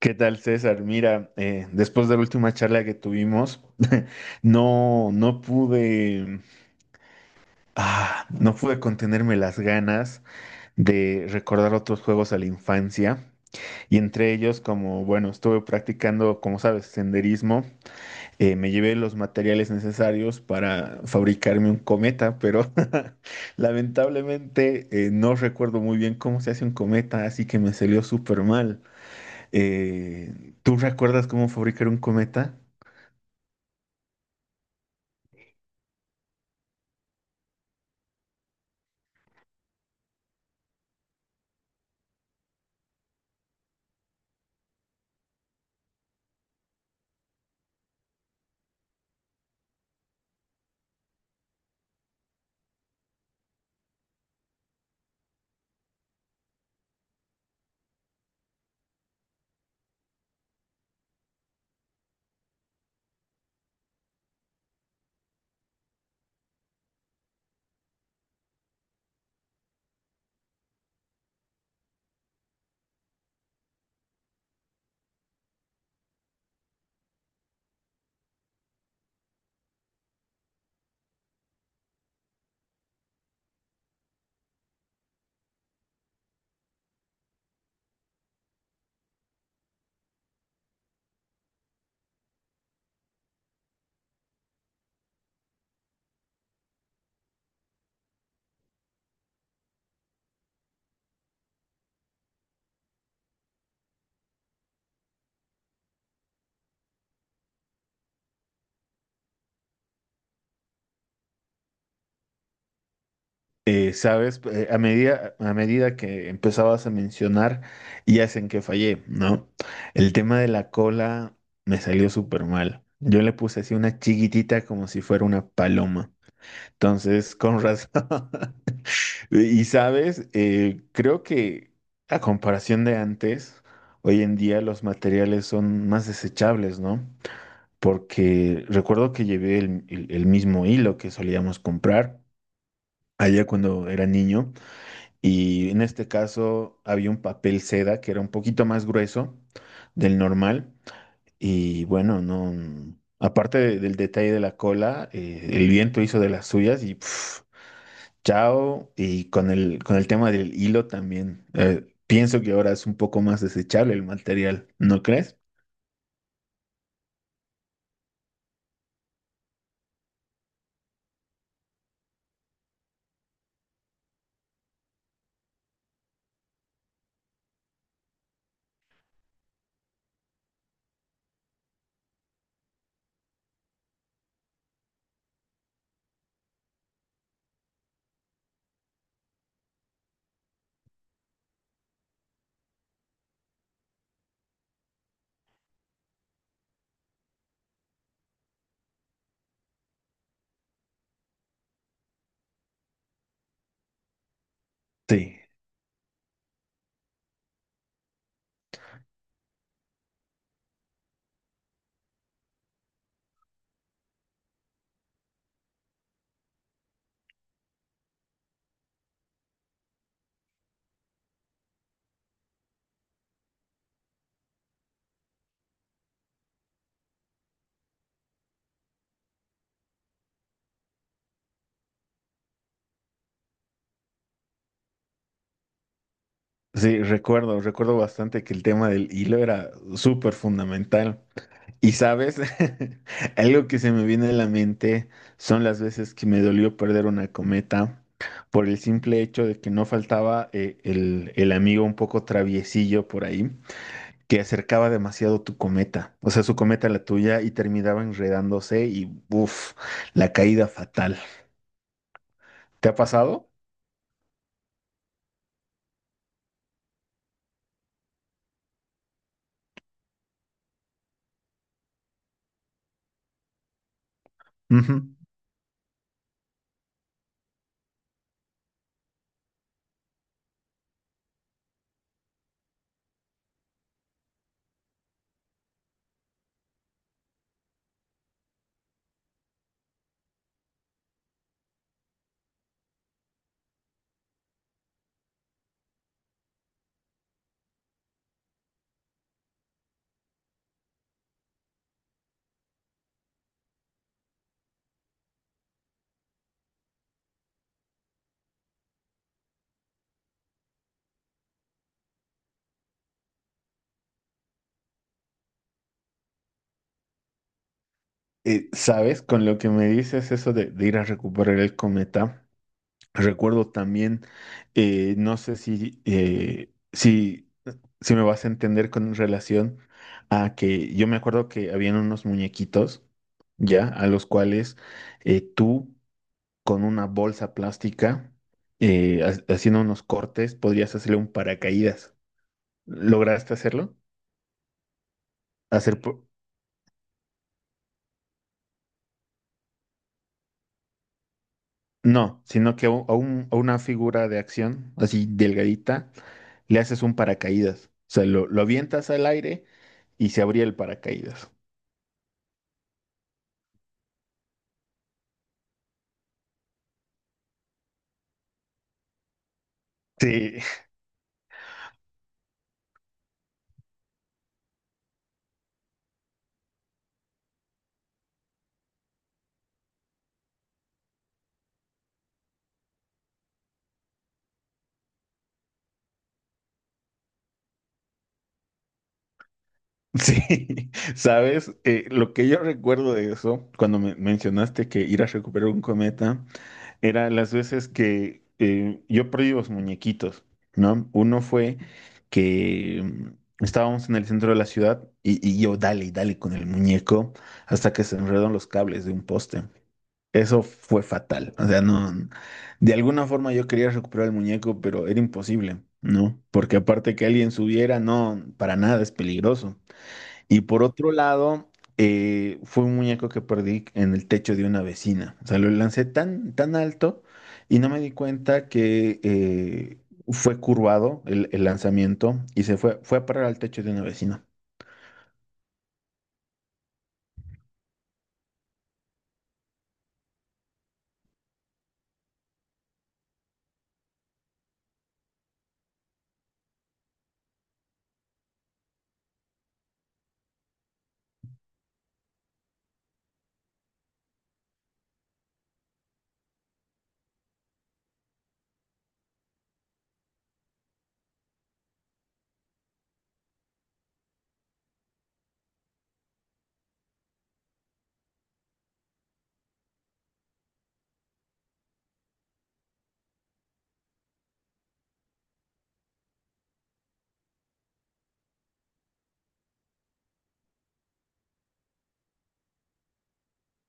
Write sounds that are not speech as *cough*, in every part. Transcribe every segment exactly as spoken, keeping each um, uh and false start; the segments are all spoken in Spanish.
¿Qué tal, César? Mira, eh, después de la última charla que tuvimos, *laughs* no, no pude, ah, no pude contenerme las ganas de recordar otros juegos a la infancia. Y entre ellos, como, bueno, estuve practicando, como sabes, senderismo, eh, me llevé los materiales necesarios para fabricarme un cometa, pero *laughs* lamentablemente eh, no recuerdo muy bien cómo se hace un cometa, así que me salió súper mal. Eh, ¿tú recuerdas cómo fabricar un cometa? Eh, sabes, Eh, a medida, a medida que empezabas a mencionar, ya es en que fallé, ¿no? El tema de la cola me salió súper mal. Yo le puse así una chiquitita como si fuera una paloma. Entonces, con razón. *laughs* Y sabes, Eh, creo que a comparación de antes, hoy en día los materiales son más desechables, ¿no? Porque recuerdo que llevé el, el- el mismo hilo que solíamos comprar allá cuando era niño, y en este caso había un papel seda que era un poquito más grueso del normal. Y bueno, no, mm, aparte de- del detalle de la cola, eh, el viento hizo de las suyas y pf, chao. Y con el, con el tema del hilo también, eh, pienso que ahora es un poco más desechable el material, ¿no crees? Sí. Sí, recuerdo, recuerdo bastante que el tema del hilo era súper fundamental. Y sabes, *laughs* algo que se me viene a la mente son las veces que me dolió perder una cometa por el simple hecho de que no faltaba eh, el, el amigo un poco traviesillo por ahí, que acercaba demasiado tu cometa, o sea, su cometa a la tuya y terminaba enredándose y, uff, la caída fatal. ¿Te ha pasado? Ujú. Eh, ¿sabes? Con lo que me dices eso de, de ir a recuperar el cometa. Recuerdo también, eh, no sé si, eh, si, si me vas a entender con relación a que yo me acuerdo que habían unos muñequitos, ya, a los cuales eh, tú con una bolsa plástica, eh, ha- haciendo unos cortes, podrías hacerle un paracaídas. ¿Lograste hacerlo? Hacer, No, sino que a, un- a un- a una figura de acción, así delgadita, le haces un paracaídas. O sea, lo, lo avientas al aire y se abría el paracaídas. Sí, *laughs* sí, sabes, Eh, lo que yo recuerdo de eso, cuando me mencionaste que ir a recuperar un cometa, era las veces que eh, yo perdí los muñequitos, ¿no? Uno fue que mm, estábamos en el centro de la ciudad y, y yo dale, y dale con el muñeco hasta que se enredan los cables de un poste. Eso fue fatal. O sea, no, de alguna forma yo quería recuperar el muñeco, pero era imposible, ¿no? Porque aparte que alguien subiera, no, para nada es peligroso. Y por otro lado, eh, fue un muñeco que perdí en el techo de una vecina. O sea, lo lancé tan, tan alto y no me di cuenta que eh, fue curvado el, el lanzamiento y se fue, fue a parar al techo de una vecina.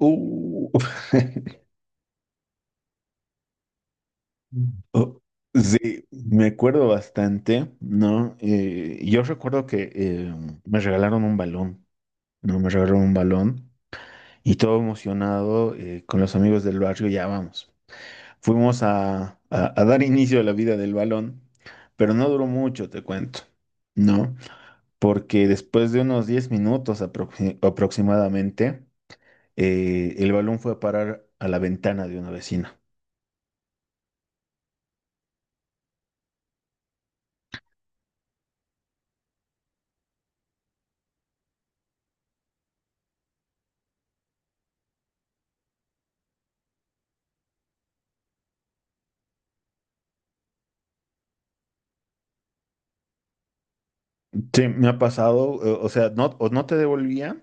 Uh. *laughs* Oh, sí, me acuerdo bastante, ¿no? Eh, yo recuerdo que eh, me regalaron un balón, ¿no? Me regalaron un balón y todo emocionado eh, con los amigos del barrio, ya vamos. Fuimos a, a, a dar inicio a la vida del balón, pero no duró mucho, te cuento, ¿no? Porque después de unos diez minutos aproxi- aproximadamente, eh, el balón fue a parar a la ventana de una vecina. Sí, me ha pasado, eh, o sea, no, o no te devolvía,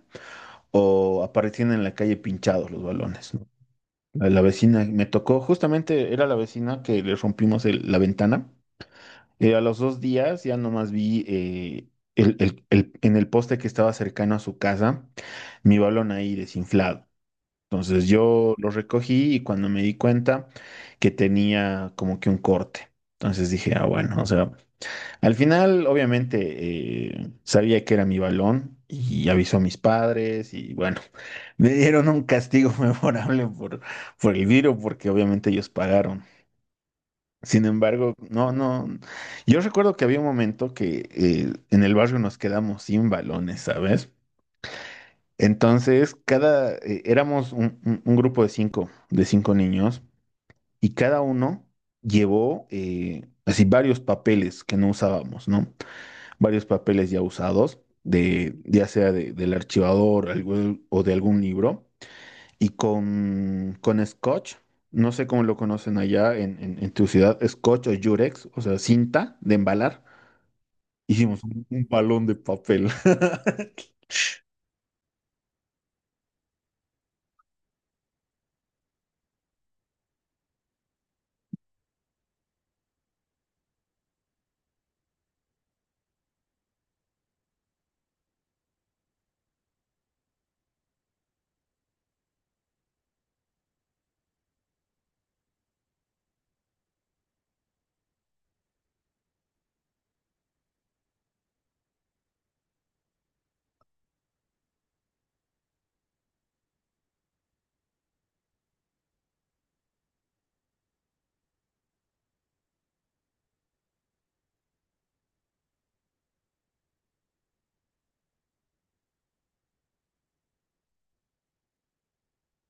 o aparecían en la calle pinchados los balones, ¿no? La, la vecina me tocó, justamente era la vecina que le rompimos el- la ventana. Eh, a los dos días ya nomás vi eh, el- el- el- en el poste que estaba cercano a su casa mi balón ahí desinflado. Entonces yo lo recogí y cuando me di cuenta que tenía como que un corte. Entonces dije, ah, bueno, o sea, al final, obviamente, eh, sabía que era mi balón y avisó a mis padres, y bueno, *laughs* me dieron un castigo *laughs* memorable por, por el virus, porque obviamente ellos pagaron. Sin embargo, no, no, yo recuerdo que había un momento que eh, en el barrio nos quedamos sin balones, ¿sabes? Entonces, cada, eh, éramos un, un- un grupo de cinco, de cinco niños, y cada uno llevó eh, así varios papeles que no usábamos, ¿no? Varios papeles ya usados, de, ya sea de- del archivador, algún- o de algún libro, y con, con scotch, no sé cómo lo conocen allá en, en- en tu ciudad, scotch o yurex, o sea, cinta de embalar, hicimos un, un balón de papel. *laughs*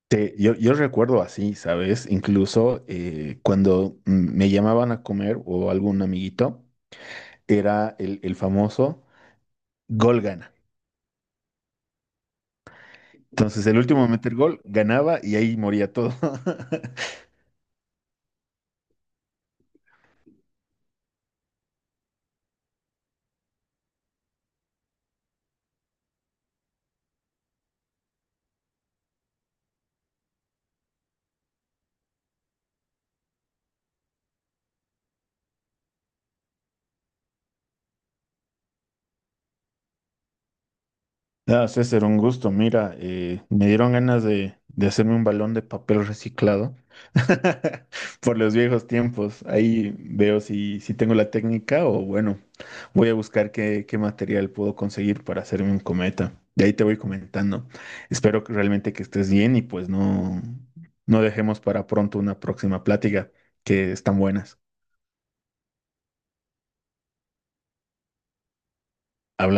Te- yo, yo recuerdo así, ¿sabes? Incluso eh, cuando mm, me llamaban a comer o algún amiguito, era el, el famoso gol gana. Entonces, el último a meter gol ganaba y ahí moría todo. *laughs* Ah, César, un gusto. Mira, eh, me dieron ganas de, de hacerme un balón de papel reciclado *laughs* por los viejos tiempos. Ahí veo si, si tengo la técnica o bueno, voy a buscar qué, qué material puedo conseguir para hacerme un cometa. De ahí te voy comentando. Espero que realmente que estés bien y pues no, no dejemos para pronto una próxima plática que están buenas. Hablamos.